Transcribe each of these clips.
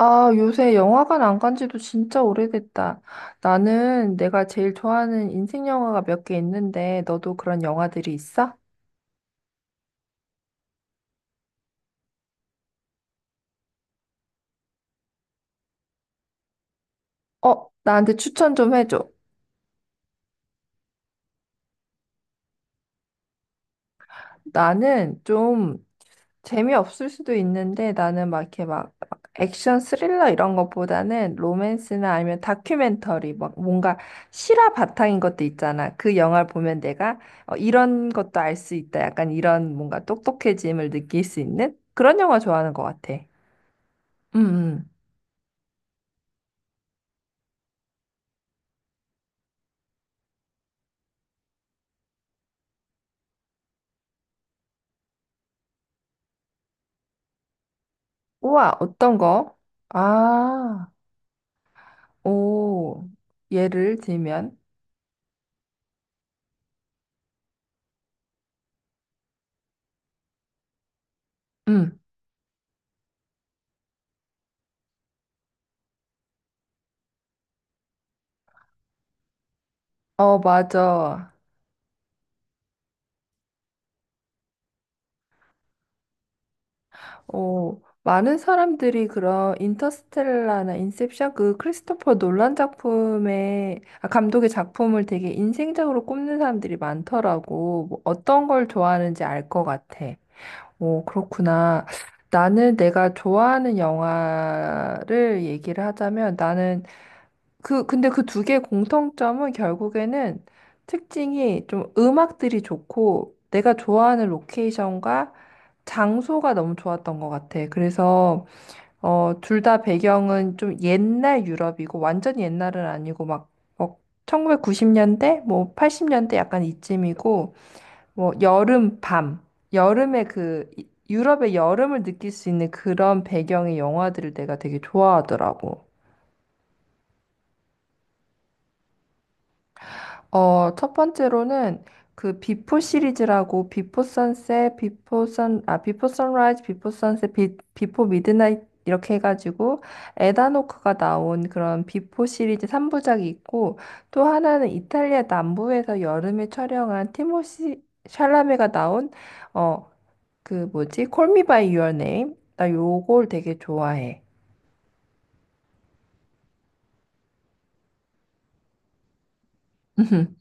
아, 요새 영화관 안 간 지도 진짜 오래됐다. 나는 내가 제일 좋아하는 인생 영화가 몇 개 있는데, 너도 그런 영화들이 있어? 어, 나한테 추천 좀 해줘. 나는 좀 재미없을 수도 있는데, 나는 막 이렇게 액션 스릴러 이런 것보다는 로맨스나 아니면 다큐멘터리, 막 뭔가 실화 바탕인 것도 있잖아. 그 영화를 보면 내가 이런 것도 알 수 있다. 약간 이런 뭔가 똑똑해짐을 느낄 수 있는 그런 영화 좋아하는 것 같아. 음, 음. 우와, 어떤 거? 아, 오, 예를 들면, 음, 어, 맞아. 오, 많은 사람들이 그런 인터스텔라나 인셉션 그 크리스토퍼 놀란 작품의 감독의 작품을 되게 인생적으로 꼽는 사람들이 많더라고. 뭐 어떤 걸 좋아하는지 알 것 같아. 오, 그렇구나. 나는 내가 좋아하는 영화를 얘기를 하자면 나는 근데 그 두 개의 공통점은 결국에는 특징이 좀 음악들이 좋고 내가 좋아하는 로케이션과 장소가 너무 좋았던 것 같아. 그래서, 어, 둘 다 배경은 좀 옛날 유럽이고 완전 옛날은 아니고 막, 뭐 1990년대? 뭐 80년대 약간 이쯤이고 뭐 여름 밤, 여름의 유럽의 여름을 느낄 수 있는 그런 배경의 영화들을 내가 되게 좋아하더라고. 어, 첫 번째로는 그 비포 시리즈라고 비포 선라이즈, 비포 선셋, 비포 미드나잇 이렇게 해가지고 에다노크가 나온 그런 비포 시리즈 3부작이 있고 또 하나는 이탈리아 남부에서 여름에 촬영한 티모시 샬라메가 나온 어, 그 뭐지? 콜미 바이 유어 네임. 나 요걸 되게 좋아해.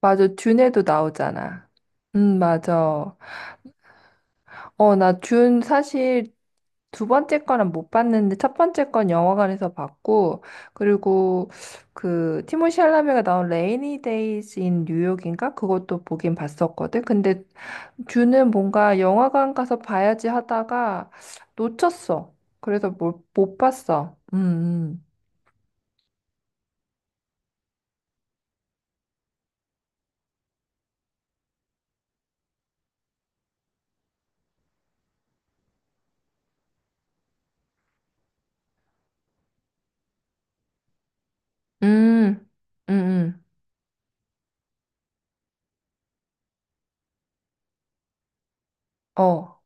맞아. 듄에도 나오잖아. 맞아. 어, 나 듄 사실 두 번째 거는 못 봤는데 첫 번째 건 영화관에서 봤고 그리고 그 티모시 샬라메가 나온 레이니 데이즈 인 뉴욕인가 그것도 보긴 봤었거든. 근데 듀는 뭔가 영화관 가서 봐야지 하다가 놓쳤어. 그래서 못 봤어. 음, 음, 음, 음. 어.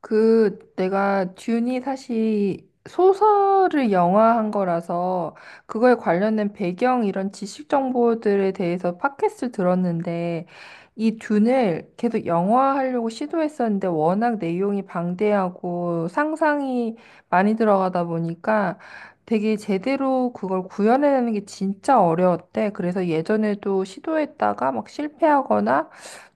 그 내가 듄이 사실 소설을 영화한 거라서 그거에 관련된 배경 이런 지식 정보들에 대해서 팟캐스트 들었는데 이 듄을 계속 영화하려고 시도했었는데 워낙 내용이 방대하고 상상이 많이 들어가다 보니까 되게 제대로 그걸 구현해내는 게 진짜 어려웠대. 그래서 예전에도 시도했다가 막 실패하거나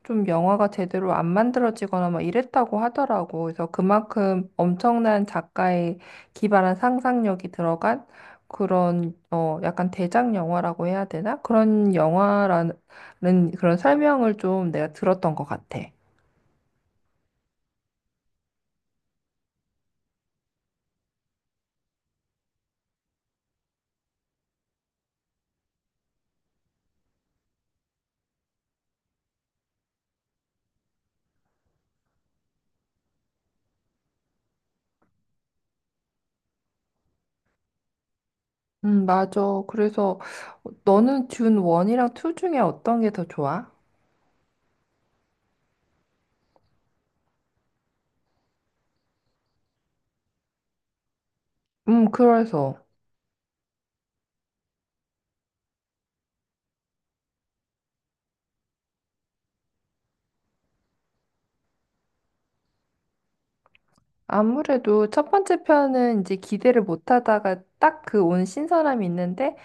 좀 영화가 제대로 안 만들어지거나 막 이랬다고 하더라고. 그래서 그만큼 엄청난 작가의 기발한 상상력이 들어간 그런 어 약간 대작 영화라고 해야 되나? 그런 영화라는 그런 설명을 좀 내가 들었던 것 같아. 맞아. 그래서 너는 준 1이랑 2 중에 어떤 게 더 좋아? 그래서 아무래도 첫 번째 편은 이제 기대를 못 하다가 딱 그 온 신선함이 있는데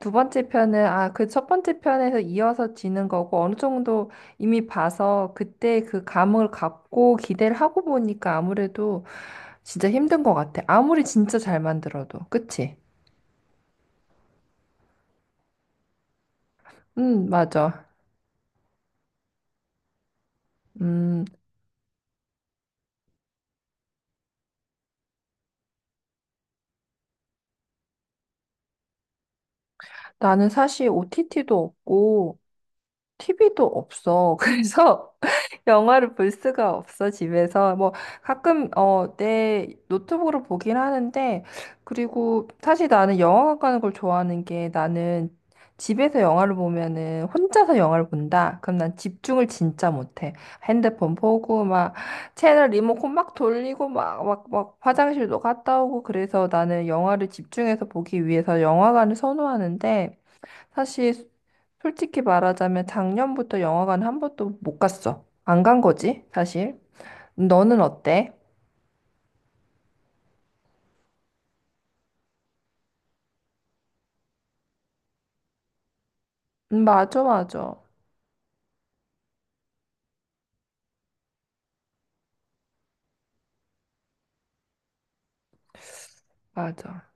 두 번째 편은 아, 그 첫 번째 편에서 이어서 지는 거고 어느 정도 이미 봐서 그때 그 감을 갖고 기대를 하고 보니까 아무래도 진짜 힘든 것 같아. 아무리 진짜 잘 만들어도. 그치? 맞아. 음, 나는 사실 OTT도 없고 TV도 없어. 그래서 영화를 볼 수가 없어, 집에서. 뭐, 가끔, 어, 내 노트북으로 보긴 하는데, 그리고 사실 나는 영화관 가는 걸 좋아하는 게 나는 집에서 영화를 보면은 혼자서 영화를 본다? 그럼 난 집중을 진짜 못해. 핸드폰 보고, 막, 채널 리모컨 막 돌리고, 막, 화장실도 갔다 오고, 그래서 나는 영화를 집중해서 보기 위해서 영화관을 선호하는데, 사실 솔직히 말하자면 작년부터 영화관 한 번도 못 갔어. 안 간 거지, 사실. 너는 어때? 맞아, 맞아. 맞아.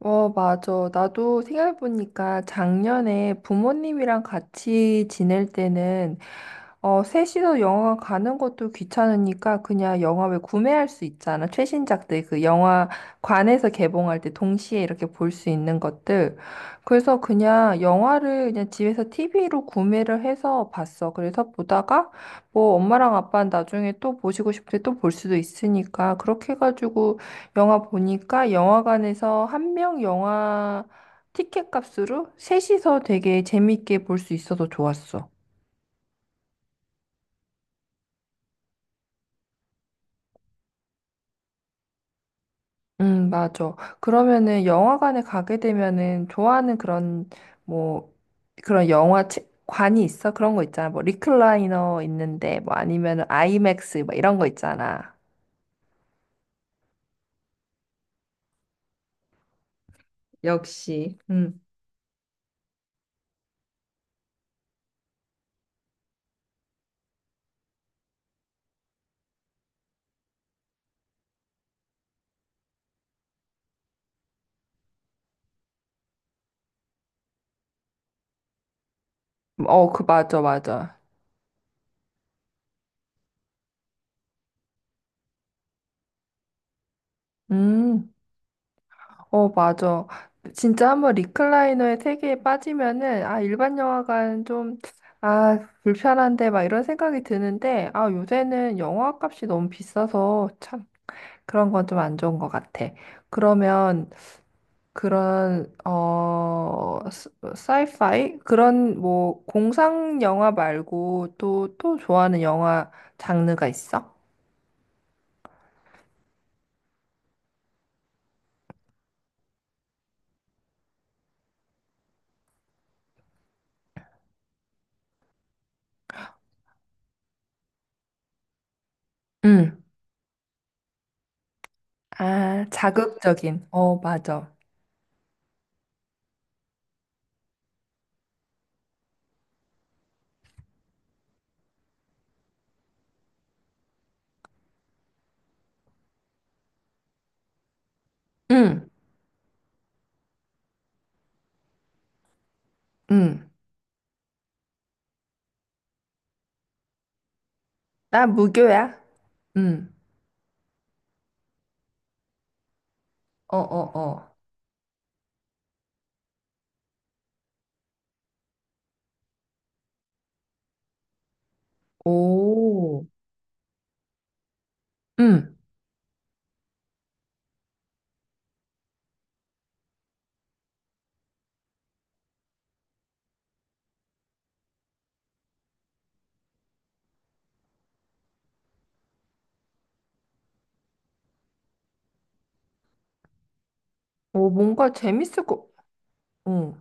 어, 맞아. 나도 생각해보니까 작년에 부모님이랑 같이 지낼 때는, 어, 셋이서 영화관 가는 것도 귀찮으니까 그냥 영화 왜 구매할 수 있잖아. 최신작들, 그 영화관에서 개봉할 때 동시에 이렇게 볼 수 있는 것들. 그래서 그냥 영화를 그냥 집에서 TV로 구매를 해서 봤어. 그래서 보다가 뭐 엄마랑 아빠는 나중에 또 보시고 싶을 때 또 볼 수도 있으니까 그렇게 해가지고 영화 보니까 영화관에서 한 명 영화 티켓 값으로 셋이서 되게 재밌게 볼 수 있어서 좋았어. 맞아. 그러면은 영화관에 가게 되면은 좋아하는 그런 뭐 그런 영화 책 관이 있어? 그런 거 있잖아. 뭐 리클라이너 있는데 뭐 아니면은 아이맥스 막 이런 거 있잖아. 역시. 음. 어, 맞아, 맞아. 음. 어, 맞아. 진짜 한번 리클라이너의 세계에 빠지면은, 아, 일반 영화관 좀, 아, 불편한데, 막 이런 생각이 드는데, 아, 요새는 영화 값이 너무 비싸서 참 그런 건 좀 안 좋은 것 같아. 그러면 그런, 사이파이? 그런 뭐, 공상 영화 말고 또 좋아하는 영화 장르가 있어? 응. 아, 자극적인. 어, 맞아. 응, 응. 나 무교야. 응. 어, 어, 어. 오. 응. 오, 뭔가 재밌을 거. 응.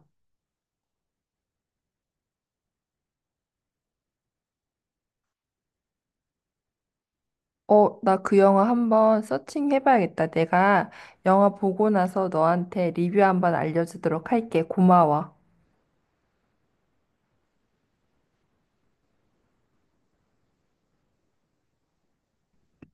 어, 나 그 영화 한번 서칭해봐야겠다. 내가 영화 보고 나서 너한테 리뷰 한번 알려주도록 할게. 고마워.